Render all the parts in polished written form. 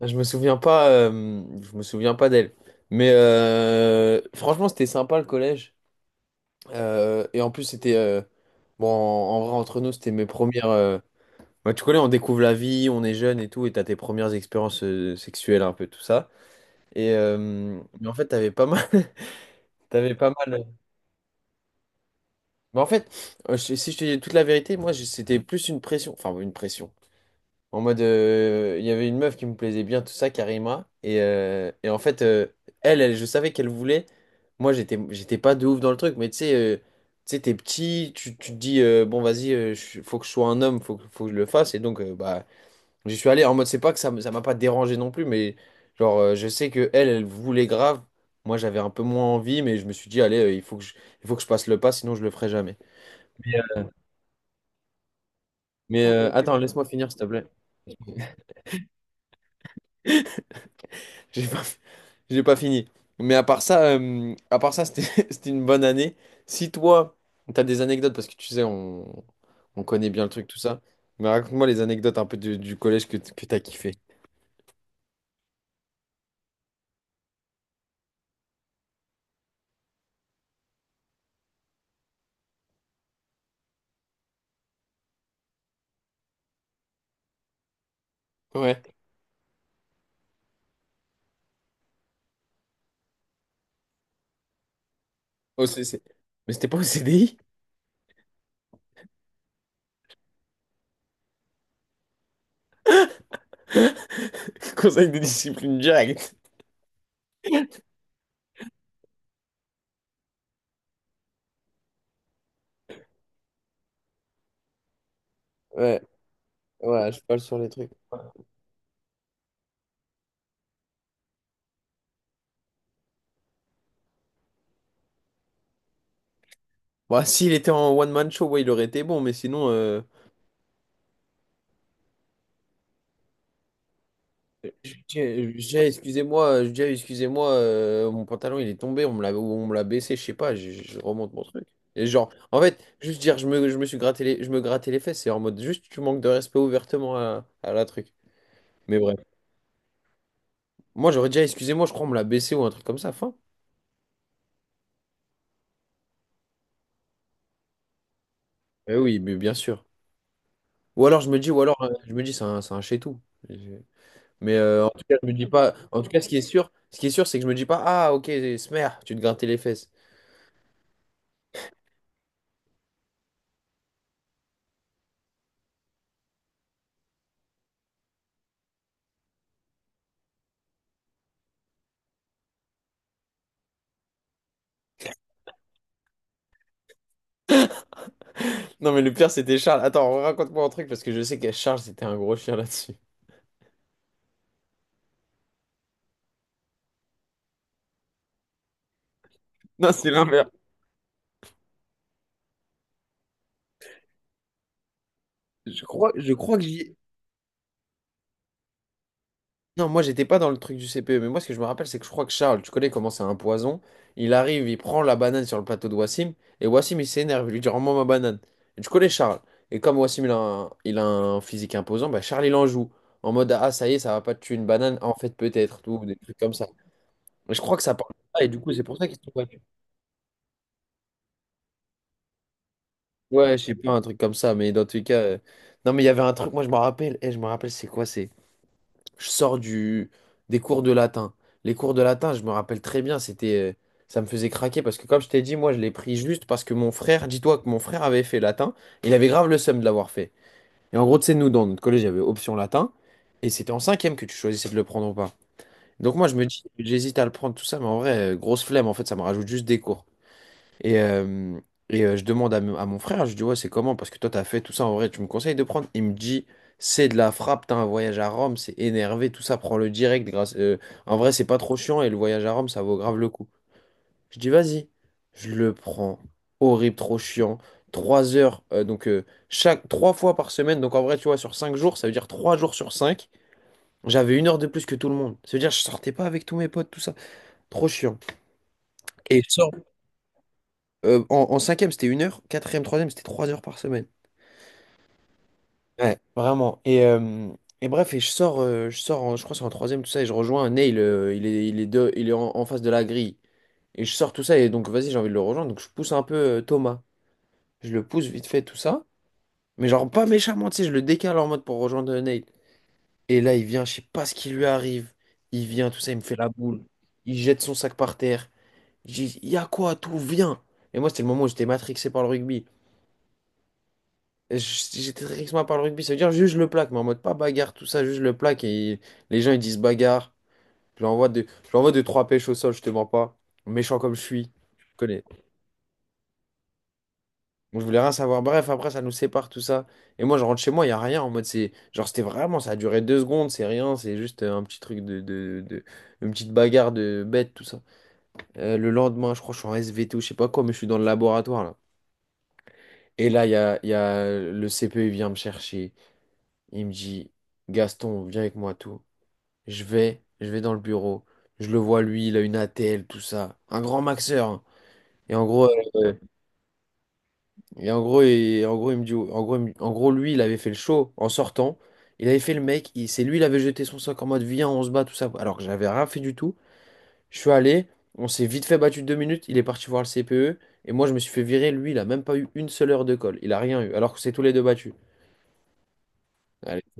Je me souviens pas, je me souviens pas d'elle. Mais franchement, c'était sympa le collège. Et en plus, c'était bon. En vrai, entre nous, c'était mes premières. Bah, tu connais, on découvre la vie, on est jeune et tout, et t'as tes premières expériences sexuelles, un peu tout ça. Et mais en fait, t'avais pas mal. T'avais pas mal. Mais en fait, si je te dis toute la vérité, moi, c'était plus une pression. Enfin, une pression. En mode, il y avait une meuf qui me plaisait bien, tout ça, Karima. Et en fait, elle, elle, je savais qu'elle voulait. Moi, j'étais pas de ouf dans le truc, mais tu sais, t'es petit, tu te dis, bon, vas-y, faut que je sois un homme, faut que je le fasse. Et donc, bah, j'y suis allé en mode, c'est pas que ça, ça m'a pas dérangé non plus, mais genre, je sais que elle, elle voulait grave. Moi, j'avais un peu moins envie, mais je me suis dit, allez, il faut que je passe le pas, sinon je le ferai jamais. Mais ok, ok, attends, ok. Laisse-moi, d'accord, finir, s'il te plaît. J'ai pas, J'ai pas fini. Mais à part ça, c'était c'était une bonne année. Si toi, t'as des anecdotes, parce que tu sais, on connaît bien le truc, tout ça. Mais raconte-moi les anecdotes un peu du collège que t'as kiffé. Ouais, au CC. Mais c'était pas au CDI? Conseil de discipline directe. Ouais, ouais, je parle sur les trucs. Bah, s'il était en one-man show, ouais, il aurait été bon, mais sinon, Je dis, excusez-moi, je dis, excusez-moi, mon pantalon il est tombé, on me l'a baissé, je sais pas, je remonte mon truc. Et genre, en fait, juste dire, je me grattais les fesses, c'est en mode juste, tu manques de respect ouvertement à la truc. Mais bref, moi j'aurais dit, ah, excusez-moi, je crois on me l'a baissé ou un truc comme ça, fin. Eh oui, mais bien sûr. Ou alors je me dis, c'est un chez-tout. Mais en tout cas, je me dis pas, en tout cas, ce qui est sûr, c'est que je me dis pas, ah ok, smer, tu te grattais les fesses. Non, mais le pire, c'était Charles. Attends, raconte-moi un truc parce que je sais qu'à Charles, c'était un gros chien là-dessus. Non, c'est l'inverse. Je crois que j'y. Non, moi, j'étais pas dans le truc du CPE, mais moi, ce que je me rappelle, c'est que je crois que Charles, tu connais comment c'est un poison. Il arrive, il prend la banane sur le plateau de Wassim, et Wassim, il s'énerve, il lui dit, rends-moi ma banane. Et tu connais Charles. Et comme Wassim, il a un physique imposant, bah, Charles, il en joue. En mode, ah, ça y est, ça va pas te tuer une banane. En fait, peut-être, tout, des trucs comme ça. Mais je crois que ça parle de ça, et du coup, c'est pour ça qu'ils se sont. Ouais, je sais pas, un truc comme ça, mais dans tous les cas. Non, mais il y avait un truc, moi je me rappelle, et je me rappelle, c'est quoi? C'est. Je sors des cours de latin. Les cours de latin, je me rappelle très bien, c'était. Ça me faisait craquer parce que, comme je t'ai dit, moi je l'ai pris juste parce que mon frère, dis-toi que mon frère avait fait latin, il avait grave le seum de l'avoir fait. Et en gros, tu sais, nous, dans notre collège, il y avait option latin, et c'était en cinquième que tu choisissais de le prendre ou pas. Donc moi, je me dis, j'hésite à le prendre, tout ça, mais en vrai, grosse flemme, en fait, ça me rajoute juste des cours. Et, euh, je demande à mon frère, je dis, ouais, c'est comment? Parce que toi, t'as fait tout ça en vrai, tu me conseilles de prendre? Il me dit, c'est de la frappe, t'as un voyage à Rome, c'est énervé, tout ça, prends-le direct. Grâce, en vrai, c'est pas trop chiant et le voyage à Rome, ça vaut grave le coup. Je dis, vas-y, je le prends. Horrible, trop chiant. 3 heures, chaque trois fois par semaine, donc en vrai, tu vois, sur 5 jours, ça veut dire 3 jours sur 5, j'avais une heure de plus que tout le monde. Ça veut dire, je sortais pas avec tous mes potes, tout ça. Trop chiant. Et je sors. En cinquième, c'était 1 heure. Quatrième, troisième, c'était 3 heures par semaine. Ouais, vraiment. Et bref, je sors je crois que c'est en troisième, tout ça, et je rejoins Neil, il est en face de la grille. Et je sors tout ça, et donc vas-y, j'ai envie de le rejoindre, donc je pousse un peu Thomas. Je le pousse vite fait, tout ça. Mais genre pas méchamment, tu sais, je le décale en mode pour rejoindre Neil. Et là, il vient, je sais pas ce qui lui arrive. Il vient, tout ça, il me fait la boule. Il jette son sac par terre. J'ai dit, y a quoi, tout, viens. Et moi, c'était le moment où j'étais matrixé par le rugby. Je- J'étais très excité par le rugby, ça veut dire juste je le plaque, mais en mode pas bagarre, tout ça, juste je le plaque et les gens ils disent bagarre. Je l'envoie de trois pêches au sol, je te mens pas. Méchant comme je suis, je connais. Donc je voulais rien savoir. Bref, après ça nous sépare tout ça. Et moi je rentre chez moi, il y a rien en mode c'est. Genre c'était vraiment, ça a duré 2 secondes, c'est rien, c'est juste un petit truc une petite bagarre de bête, tout ça. Le lendemain, je crois que je suis en SVT ou je sais pas quoi, mais je suis dans le laboratoire là. Et là, il y a le CPE, il vient me chercher. Il me dit, Gaston, viens avec moi, tout. Je vais dans le bureau. Je le vois, lui, il a une ATL, tout ça. Un grand maxeur, hein. Et en gros, euh, et en gros, il me dit, en gros, lui, il avait fait le show en sortant. Il avait fait le mec. C'est lui, il avait jeté son sac en mode, viens, on se bat, tout ça. Alors que j'avais rien fait du tout. Je suis allé, on s'est vite fait battu 2 minutes. Il est parti voir le CPE. Et moi, je me suis fait virer. Lui, il a même pas eu une seule heure de colle. Il a rien eu. Alors que c'est tous les deux battus. Allez.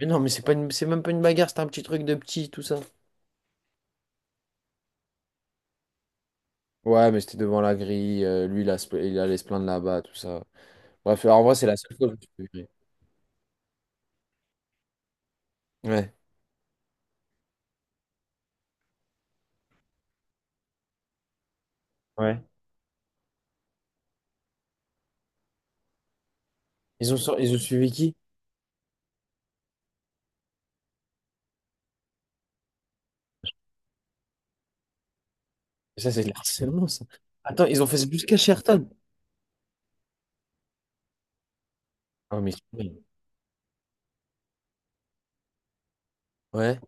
Mais non, mais c'est même pas une bagarre, c'est un petit truc de petit, tout ça. Ouais, mais c'était devant la grille. Lui, il allait se plaindre là-bas, tout ça. Bref, en vrai, c'est la seule fois que je me suis fait virer. Ouais. Ouais. Ils ont suivi qui? Ça, c'est de l'harcèlement, ça. Attends, ils ont fait ça jusqu'à Sherton. Oh, mais. Ouais.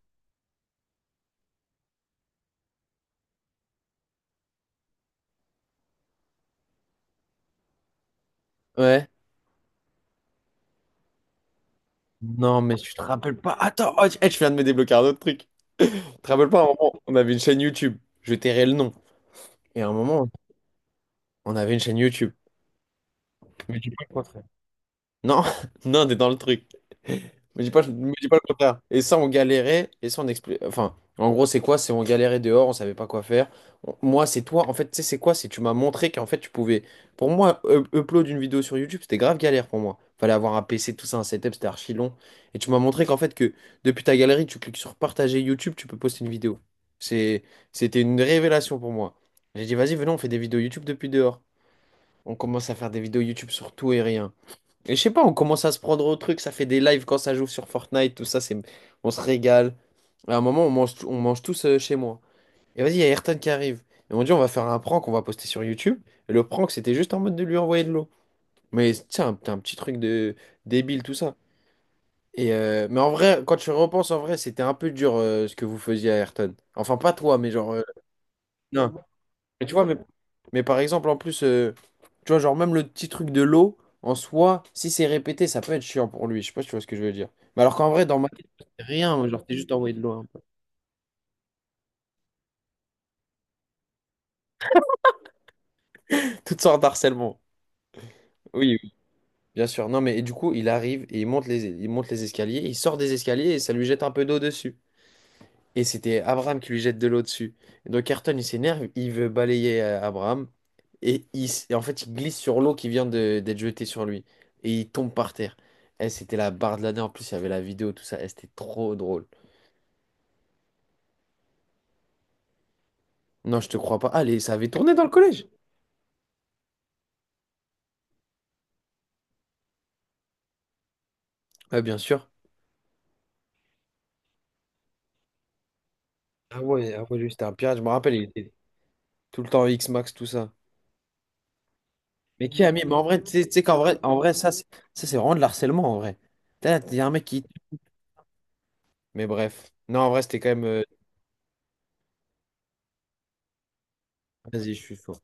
Ouais. Non, mais tu te rappelles. Attends, oh, eh, je viens de me débloquer un autre truc. Tu te rappelles pas, à un moment, on avait une chaîne YouTube. Je tairai le nom. Et à un moment, on avait une chaîne YouTube. Mais tu peux le montrer. Non, non, t'es dans le truc. Me dis pas le contraire. Et ça, on galérait, enfin, en gros, c'est quoi? C'est on galérait dehors, on savait pas quoi faire. Moi, c'est toi. En fait, tu sais, c'est quoi? C'est tu m'as montré qu'en fait, tu pouvais. Pour moi, upload une vidéo sur YouTube, c'était grave galère pour moi. Fallait avoir un PC, tout ça, un setup, c'était archi long. Et tu m'as montré qu'en fait, que depuis ta galerie, tu cliques sur partager YouTube, tu peux poster une vidéo. C'est, c'était une révélation pour moi. J'ai dit, vas-y, venons, on fait des vidéos YouTube depuis dehors. On commence à faire des vidéos YouTube sur tout et rien. Et je sais pas, on commence à se prendre au truc, ça fait des lives quand ça joue sur Fortnite, tout ça, c'est, on se régale. À un moment, on mange tous chez moi. Et vas-y, il y a Ayrton qui arrive. Et on dit, on va faire un prank, on va poster sur YouTube. Et le prank, c'était juste en mode de lui envoyer de l'eau. Mais tiens, un petit truc de débile, tout ça. Et mais en vrai, quand je repense, en vrai, c'était un peu dur ce que vous faisiez à Ayrton. Enfin, pas toi, mais genre. Non. Mais tu vois, mais par exemple, en plus, tu vois, genre même le petit truc de l'eau, en soi, si c'est répété, ça peut être chiant pour lui. Je sais pas si tu vois ce que je veux dire. Mais alors qu'en vrai, dans ma tête, c'est rien, genre, t'es juste envoyé de l'eau, hein. Toutes sortes d'harcèlement. Oui, oui, bien sûr. Non, mais et du coup, il arrive et il monte les escaliers, il sort des escaliers et ça lui jette un peu d'eau dessus. Et c'était Abraham qui lui jette de l'eau dessus. Et donc Ayrton, il s'énerve, il veut balayer Abraham. Et en fait, il glisse sur l'eau qui vient d'être jetée sur lui. Et il tombe par terre. Eh, c'était la barre de l'année. En plus, il y avait la vidéo, tout ça. Eh, c'était trop drôle. Non, je te crois pas. Allez, ça avait tourné dans le collège. Ah, bien sûr. Ah ouais, ah ouais, lui, c'était un pirate. Je me rappelle, il était tout le temps X-Max, tout ça. Mais qui a mis? Mais en vrai, tu sais qu'en vrai, en vrai, ça, c'est vraiment de l'harcèlement, en vrai. Il y a un mec qui... Mais bref. Non, en vrai, c'était quand même... Vas-y, je suis chaud.